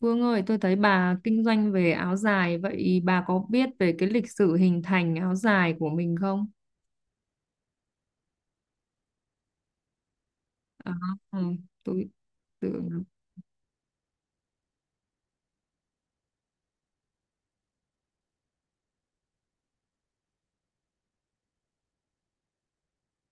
Phương ơi, tôi thấy bà kinh doanh về áo dài, vậy bà có biết về cái lịch sử hình thành áo dài của mình không? À, ừ, tôi tưởng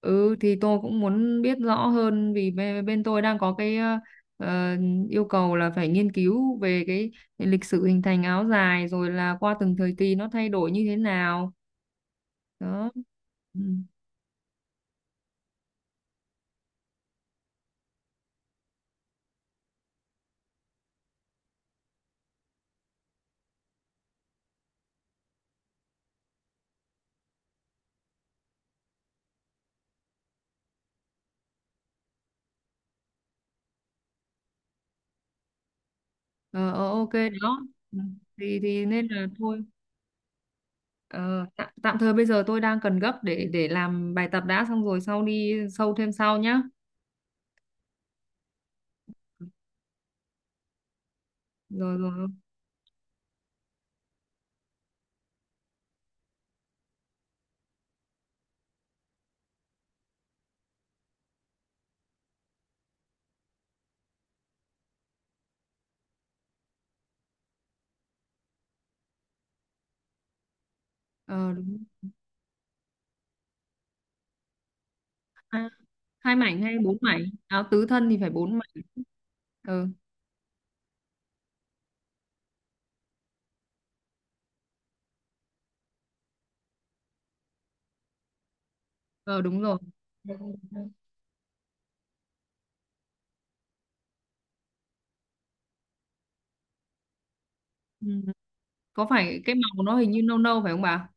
ừ thì tôi cũng muốn biết rõ hơn vì bên tôi đang có cái ờ, yêu cầu là phải nghiên cứu về cái lịch sử hình thành áo dài rồi là qua từng thời kỳ nó thay đổi như thế nào. Đó. Ừ. Ờ, ok đó. Ừ. Thì nên là thôi. Tạm thời bây giờ tôi đang cần gấp để làm bài tập đã, xong rồi sau đi sâu thêm sau nhá. Rồi rồi. Ờ đúng. À, hai mảnh hay bốn mảnh? Áo tứ thân thì phải bốn mảnh. Ờ, ờ đúng rồi. Ừ. Có phải cái màu nó hình như nâu nâu phải không bà?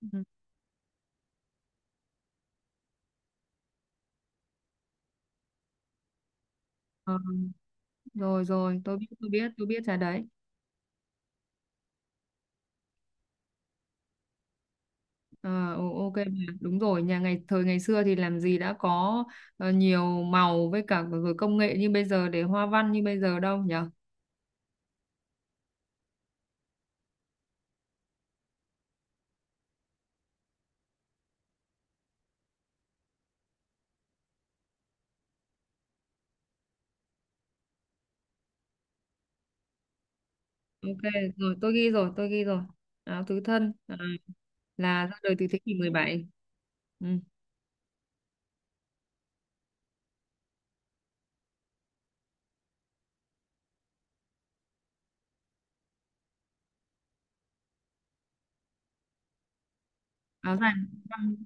Ừ. Ờ, rồi rồi, tôi biết tôi biết tôi biết trà đấy. Ok bà. Đúng rồi, nhà ngày thời ngày xưa thì làm gì đã có nhiều màu, với cả rồi công nghệ như bây giờ để hoa văn như bây giờ đâu nhỉ? Ok, rồi tôi ghi rồi, tôi ghi rồi. Áo tứ thân à, là ra đời từ thế kỷ 17. Ừ. Áo dài năm,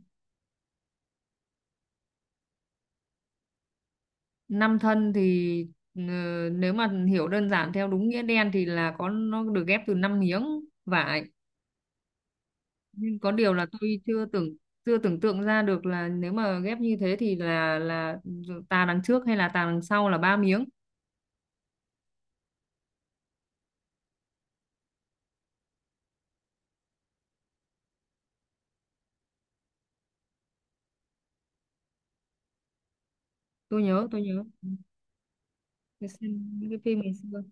năm thân thì ờ, nếu mà hiểu đơn giản theo đúng nghĩa đen thì là có nó được ghép từ năm miếng vải. Nhưng có điều là tôi chưa tưởng tượng ra được là nếu mà ghép như thế thì là tà đằng trước hay là tà đằng sau là ba miếng. Tôi nhớ, tôi nhớ. Tôi xem những cái phim ngày xưa.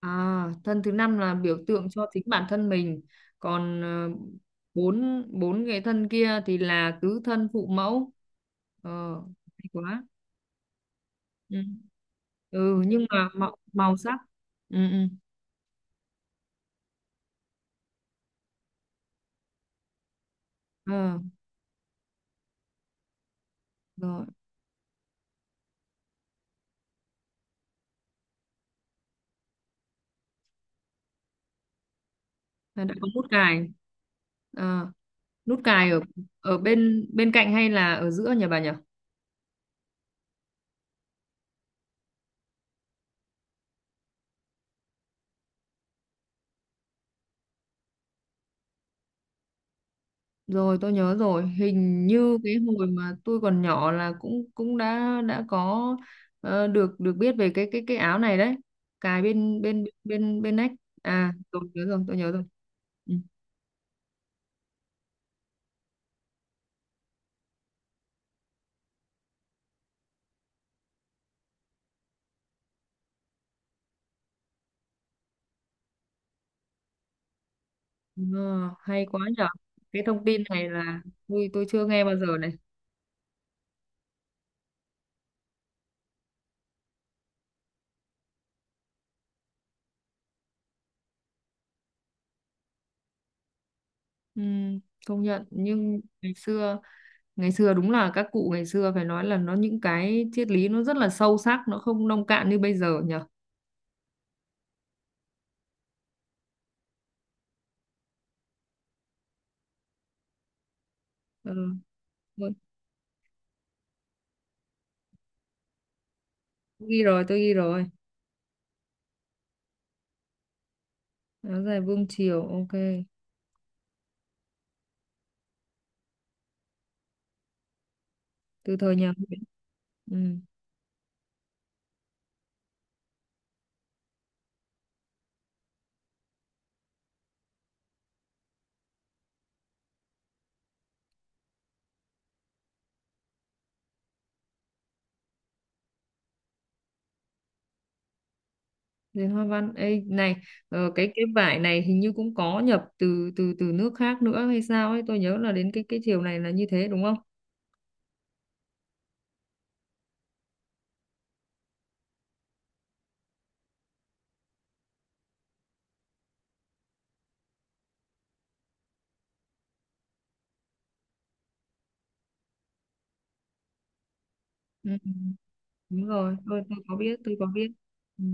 À, thân thứ năm là biểu tượng cho chính bản thân mình, còn bốn bốn cái thân kia thì là tứ thân phụ mẫu. Ờ, hay quá. Ừ. Ừ, nhưng mà màu, màu sắc. Ừ, ừ. Ờ, rồi, là đã có nút cài. Ờ, nút cài ở ở bên, bên cạnh hay là ở giữa nhỉ bà nhỉ? Rồi tôi nhớ rồi, hình như cái hồi mà tôi còn nhỏ là cũng cũng đã có được được biết về cái áo này đấy, cài bên bên bên bên nách. À, tôi nhớ rồi, tôi nhớ rồi. Ừ. Ờ, hay quá nhở. Cái thông tin này là tôi chưa nghe bao giờ này. Ừ, công nhận nhưng ngày xưa, ngày xưa đúng là các cụ ngày xưa phải nói là nó những cái triết lý nó rất là sâu sắc, nó không nông cạn như bây giờ nhở. Ừ, tôi ghi rồi, tôi ghi rồi. Áo dài vương triều, ok. Từ thời nhà Nguyễn. Ừ. Đến hoa văn. Ê, này, cái vải này hình như cũng có nhập từ từ từ nước khác nữa hay sao ấy, tôi nhớ là đến cái chiều này là như thế đúng không? Ừ. Ừ, đúng rồi tôi có biết tôi có biết. Ừ.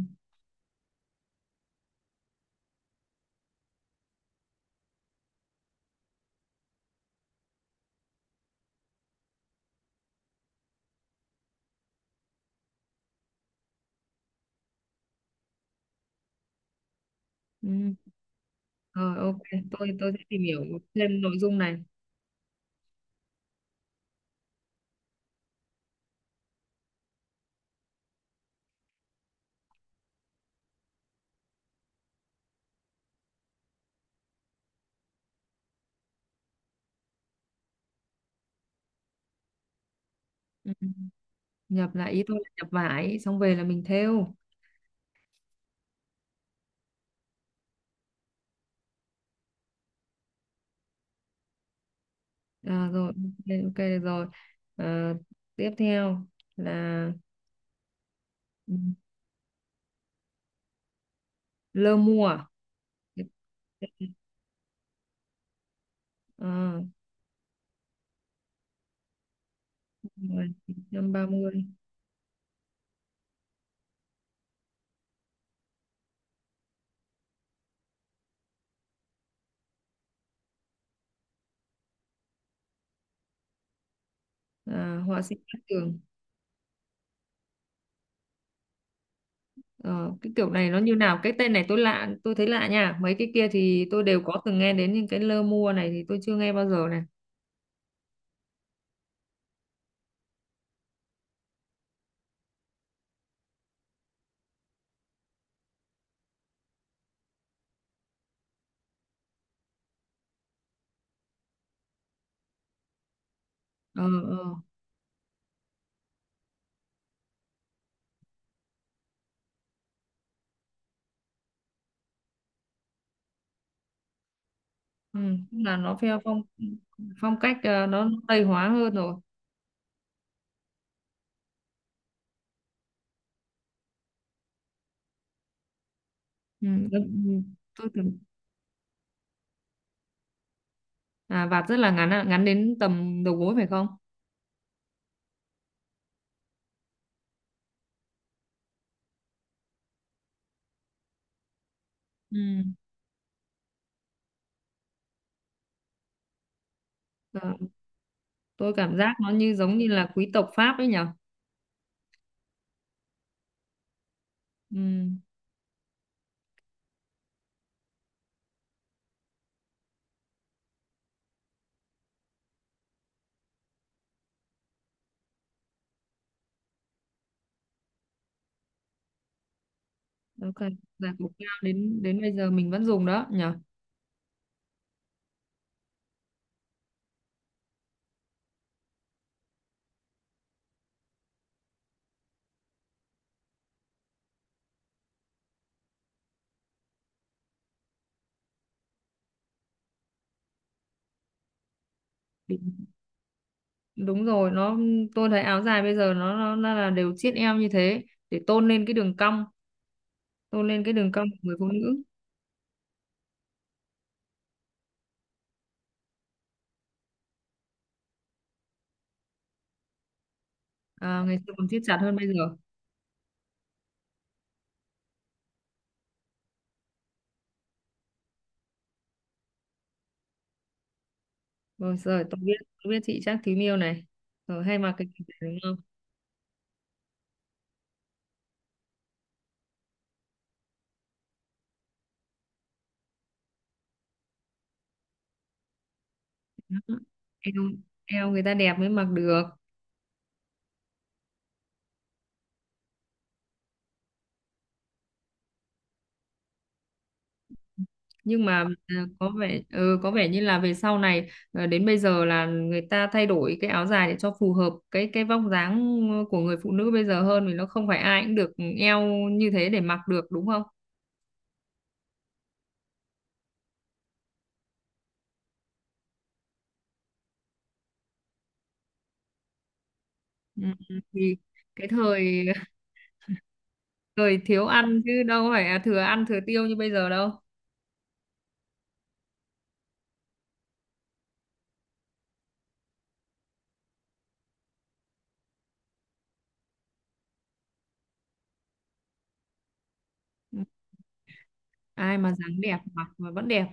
Ừ. Rồi ok, tôi sẽ tìm hiểu thêm nội dung này. Ừ. Nhập lại ý tôi là nhập vải xong về là mình thêu. À, rồi ok ok, được rồi. Ờ, tiếp theo là ừ, lơ mùa. Ờ. Rồi, 930. À, họa sĩ Cát Tường. Ờ, cái kiểu này nó như nào? Cái tên này tôi lạ, tôi thấy lạ nha, mấy cái kia thì tôi đều có từng nghe đến, nhưng cái lơ mua này thì tôi chưa nghe bao giờ này. Ờ. Ờ. Ừ, tức là nó theo phong phong cách, nó tây hóa hơn rồi. Ừ, ừ. Ừ. Tôi tưởng à vạt rất là ngắn, à, ngắn đến tầm đầu gối phải không? Ừ. Ờ, tôi cảm giác nó như giống như là quý tộc Pháp ấy nhở. Ừ. Ok, là cổ cao đến đến bây giờ mình vẫn dùng đó nhở. Đúng rồi tôi thấy áo dài bây giờ nó là đều chiết eo như thế để tôn lên cái đường cong, tôn lên cái đường cong của người phụ nữ. À, ngày xưa còn siết chặt hơn bây giờ. Rồi rồi tôi biết, tôi biết chị Chắc Thím Yêu này rồi, hay mặc cái kiểu này đúng không? Đó. Eo, eo người ta đẹp mới mặc được. Nhưng mà à, có vẻ có vẻ như là về sau này à, đến bây giờ là người ta thay đổi cái áo dài để cho phù hợp cái vóc dáng của người phụ nữ bây giờ hơn, vì nó không phải ai cũng được eo như thế để mặc được đúng không? Ừ, thì cái thời thời thiếu ăn chứ đâu phải là thừa ăn thừa tiêu như bây giờ đâu. Ừ, ai mà dáng đẹp mặc mà vẫn đẹp.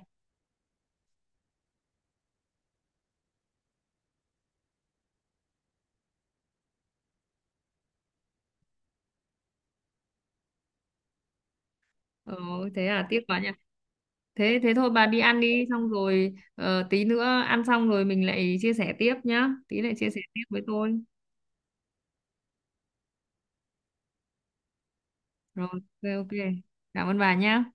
Ờ, thế là tiếc quá nhỉ. Thế thế thôi bà đi ăn đi, xong rồi tí nữa ăn xong rồi mình lại chia sẻ tiếp nhá, tí lại chia sẻ tiếp với tôi. Rồi ok ok. Cảm ơn bà nhá.